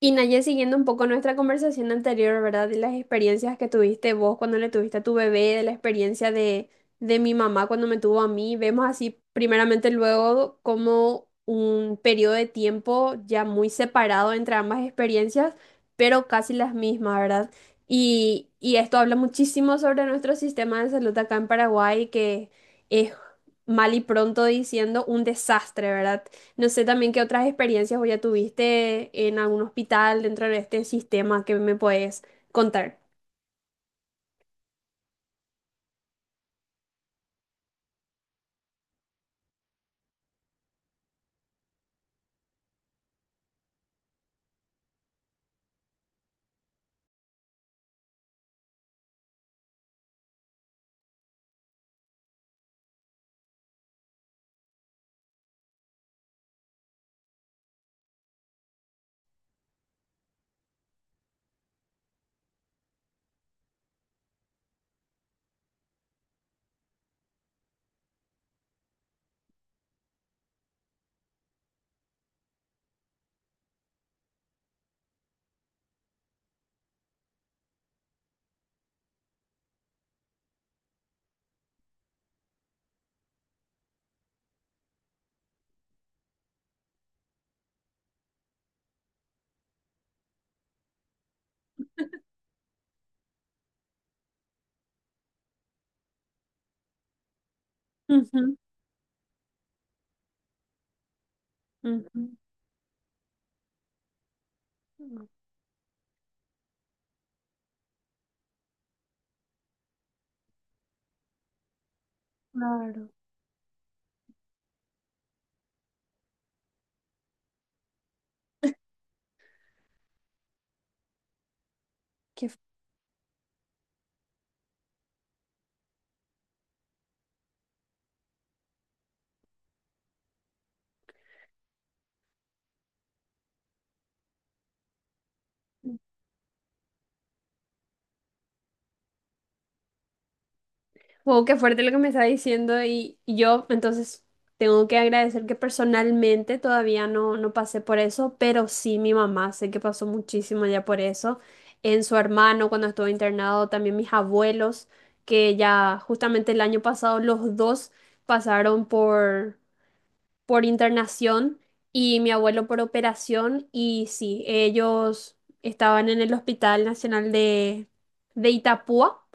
Y Naye, siguiendo un poco nuestra conversación anterior, ¿verdad? De las experiencias que tuviste vos cuando le tuviste a tu bebé, de la experiencia de mi mamá cuando me tuvo a mí, vemos así primeramente luego como un periodo de tiempo ya muy separado entre ambas experiencias, pero casi las mismas, ¿verdad? Y esto habla muchísimo sobre nuestro sistema de salud acá en Paraguay, que es mal y pronto diciendo un desastre, ¿verdad? No sé también qué otras experiencias o ya tuviste en algún hospital dentro de este sistema que me puedes contar. Ujú, ujú, claro. Qué, fu- wow, qué fuerte lo que me está diciendo, y yo entonces tengo que agradecer que personalmente todavía no, no pasé por eso, pero sí mi mamá sé que pasó muchísimo ya por eso. En su hermano cuando estuvo internado, también mis abuelos, que ya justamente el año pasado los dos pasaron por internación y mi abuelo por operación. Y sí, ellos estaban en el Hospital Nacional de Itapúa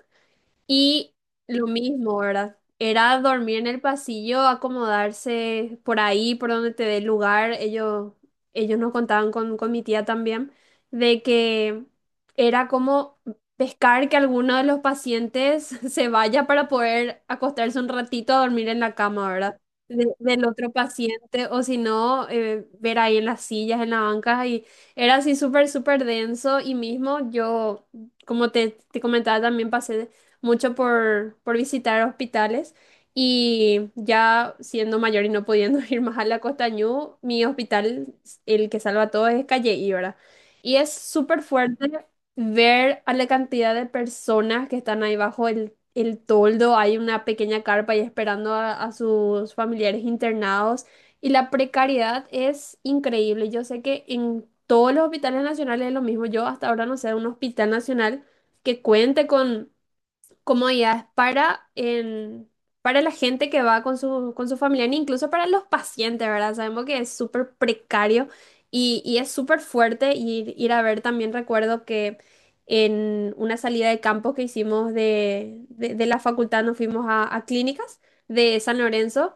y lo mismo, ¿verdad? Era dormir en el pasillo, acomodarse por ahí, por donde te dé lugar. Ellos nos contaban con mi tía también, de que era como pescar que alguno de los pacientes se vaya para poder acostarse un ratito a dormir en la cama, ¿verdad? Del otro paciente, o si no, ver ahí en las sillas, en las bancas, y era así súper, súper denso. Y mismo yo, como te comentaba, también pasé mucho por visitar hospitales y ya siendo mayor y no pudiendo ir más a la Costa Ñu, mi hospital, el que salva a todos es Calle Ibra. Y es súper fuerte ver a la cantidad de personas que están ahí bajo el toldo, hay una pequeña carpa ahí esperando a sus familiares internados y la precariedad es increíble. Yo sé que en todos los hospitales nacionales es lo mismo. Yo hasta ahora no sé de un hospital nacional que cuente con comodidades para, para la gente que va con su familia, e incluso para los pacientes, ¿verdad? Sabemos que es súper precario y es súper fuerte ir, ir a ver. También recuerdo que en una salida de campo que hicimos de la facultad nos fuimos a clínicas de San Lorenzo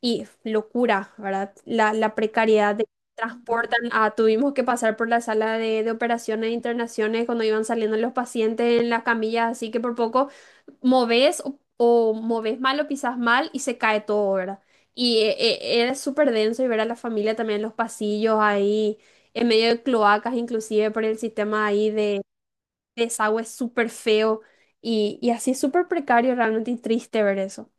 y locura, ¿verdad? La precariedad de transportan a, tuvimos que pasar por la sala de operaciones e internaciones cuando iban saliendo los pacientes en las camillas, así que por poco moves o moves mal o pisas mal y se cae todo, ¿verdad? Y era súper denso y ver a la familia también en los pasillos ahí, en medio de cloacas, inclusive por el sistema ahí de desagüe súper feo y así es súper precario realmente y triste ver eso.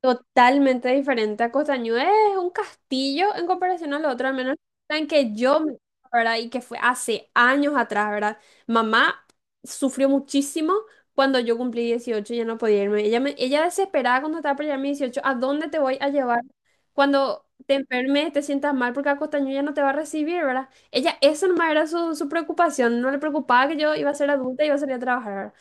Totalmente diferente a Costañú. Es un castillo en comparación al otro, al menos en que yo, ¿verdad? Y que fue hace años atrás, ¿verdad? Mamá sufrió muchísimo cuando yo cumplí 18 y ya no podía irme. Ella desesperada cuando estaba por llegar a mis 18, ¿a dónde te voy a llevar cuando te enfermes, te sientas mal? Porque a Costañú ya no te va a recibir, ¿verdad? Ella, eso nomás era su, su preocupación. No le preocupaba que yo iba a ser adulta y iba a salir a trabajar, ¿verdad?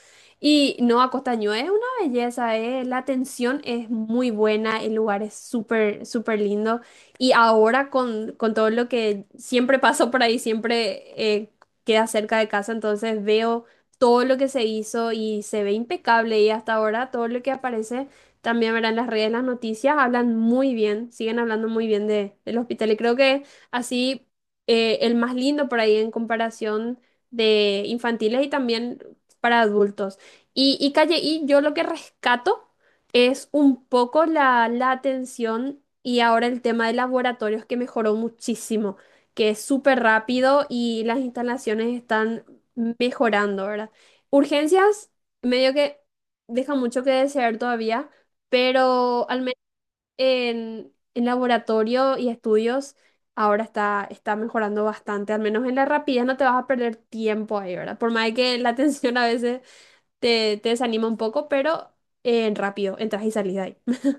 Y no, a Costañú es belleza, ¿eh? La atención es muy buena, el lugar es súper, súper lindo. Y ahora con todo lo que siempre paso por ahí, siempre queda cerca de casa, entonces veo todo lo que se hizo y se ve impecable. Y hasta ahora todo lo que aparece, también verán las redes, las noticias, hablan muy bien, siguen hablando muy bien de, del hospital. Y creo que así el más lindo por ahí en comparación de infantiles y también para adultos. Y Calle I, yo lo que rescato es un poco la, la atención y ahora el tema de laboratorios que mejoró muchísimo, que es súper rápido y las instalaciones están mejorando, ¿verdad? Urgencias, medio que deja mucho que desear todavía, pero al menos en laboratorio y estudios ahora está, está mejorando bastante, al menos en la rapidez no te vas a perder tiempo ahí, ¿verdad? Por más de que la atención a veces te desanima un poco, pero rápido, entras y salís de ahí.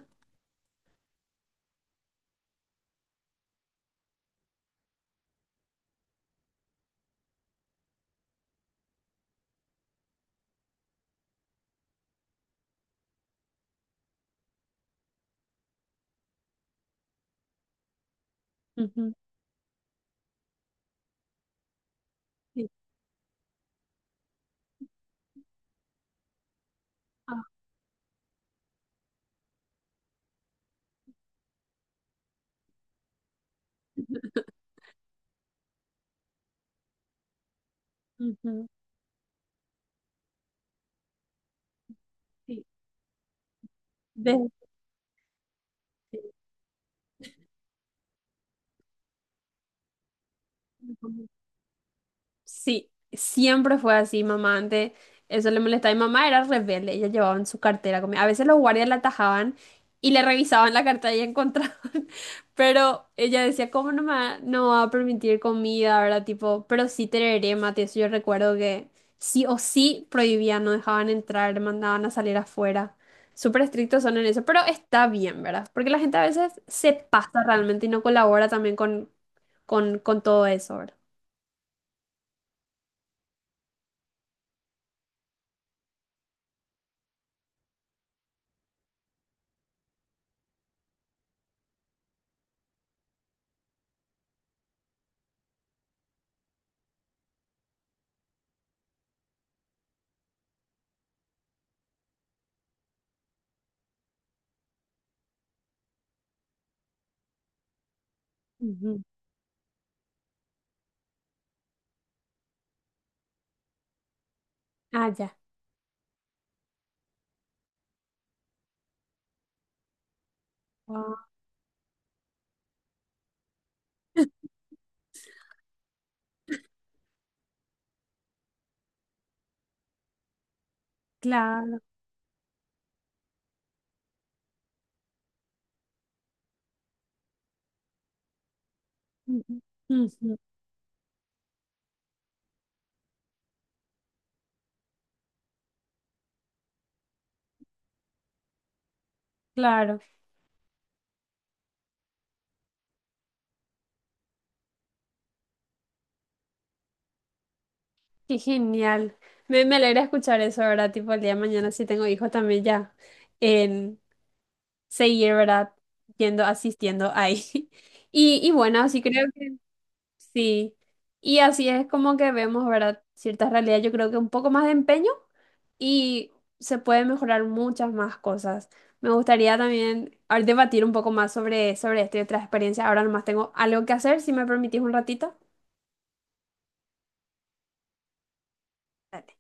Ujú, sí. Ah, ujú, sí. Desde- Sí, siempre fue así, mamá. Antes eso le molestaba. Mi mamá era rebelde, ella llevaba en su cartera comida. A veces los guardias la atajaban y le revisaban la cartera y encontraban. Pero ella decía, ¿cómo no va a permitir comida, ¿verdad? Tipo, pero sí tereré mate. Eso yo recuerdo que sí o sí prohibían, no dejaban entrar, mandaban a salir afuera. Súper estrictos son en eso, pero está bien, ¿verdad? Porque la gente a veces se pasa realmente y no colabora también con, con todo eso, ¿verdad? Ujú. Ah, ya. Wow, claro. Ujú. Ujú, claro, qué genial. Me alegra escuchar eso, ¿verdad? Tipo, el día de mañana si tengo hijos también ya. Seguir, ¿verdad? Yendo, asistiendo ahí. Y, y bueno, así creo que sí. Y así es como que vemos, ¿verdad? Ciertas realidades, yo creo que un poco más de empeño y se puede mejorar muchas más cosas. Me gustaría también a ver, debatir un poco más sobre, sobre esto y otras experiencias. Ahora nomás tengo algo que hacer, si me permitís un ratito. Dale.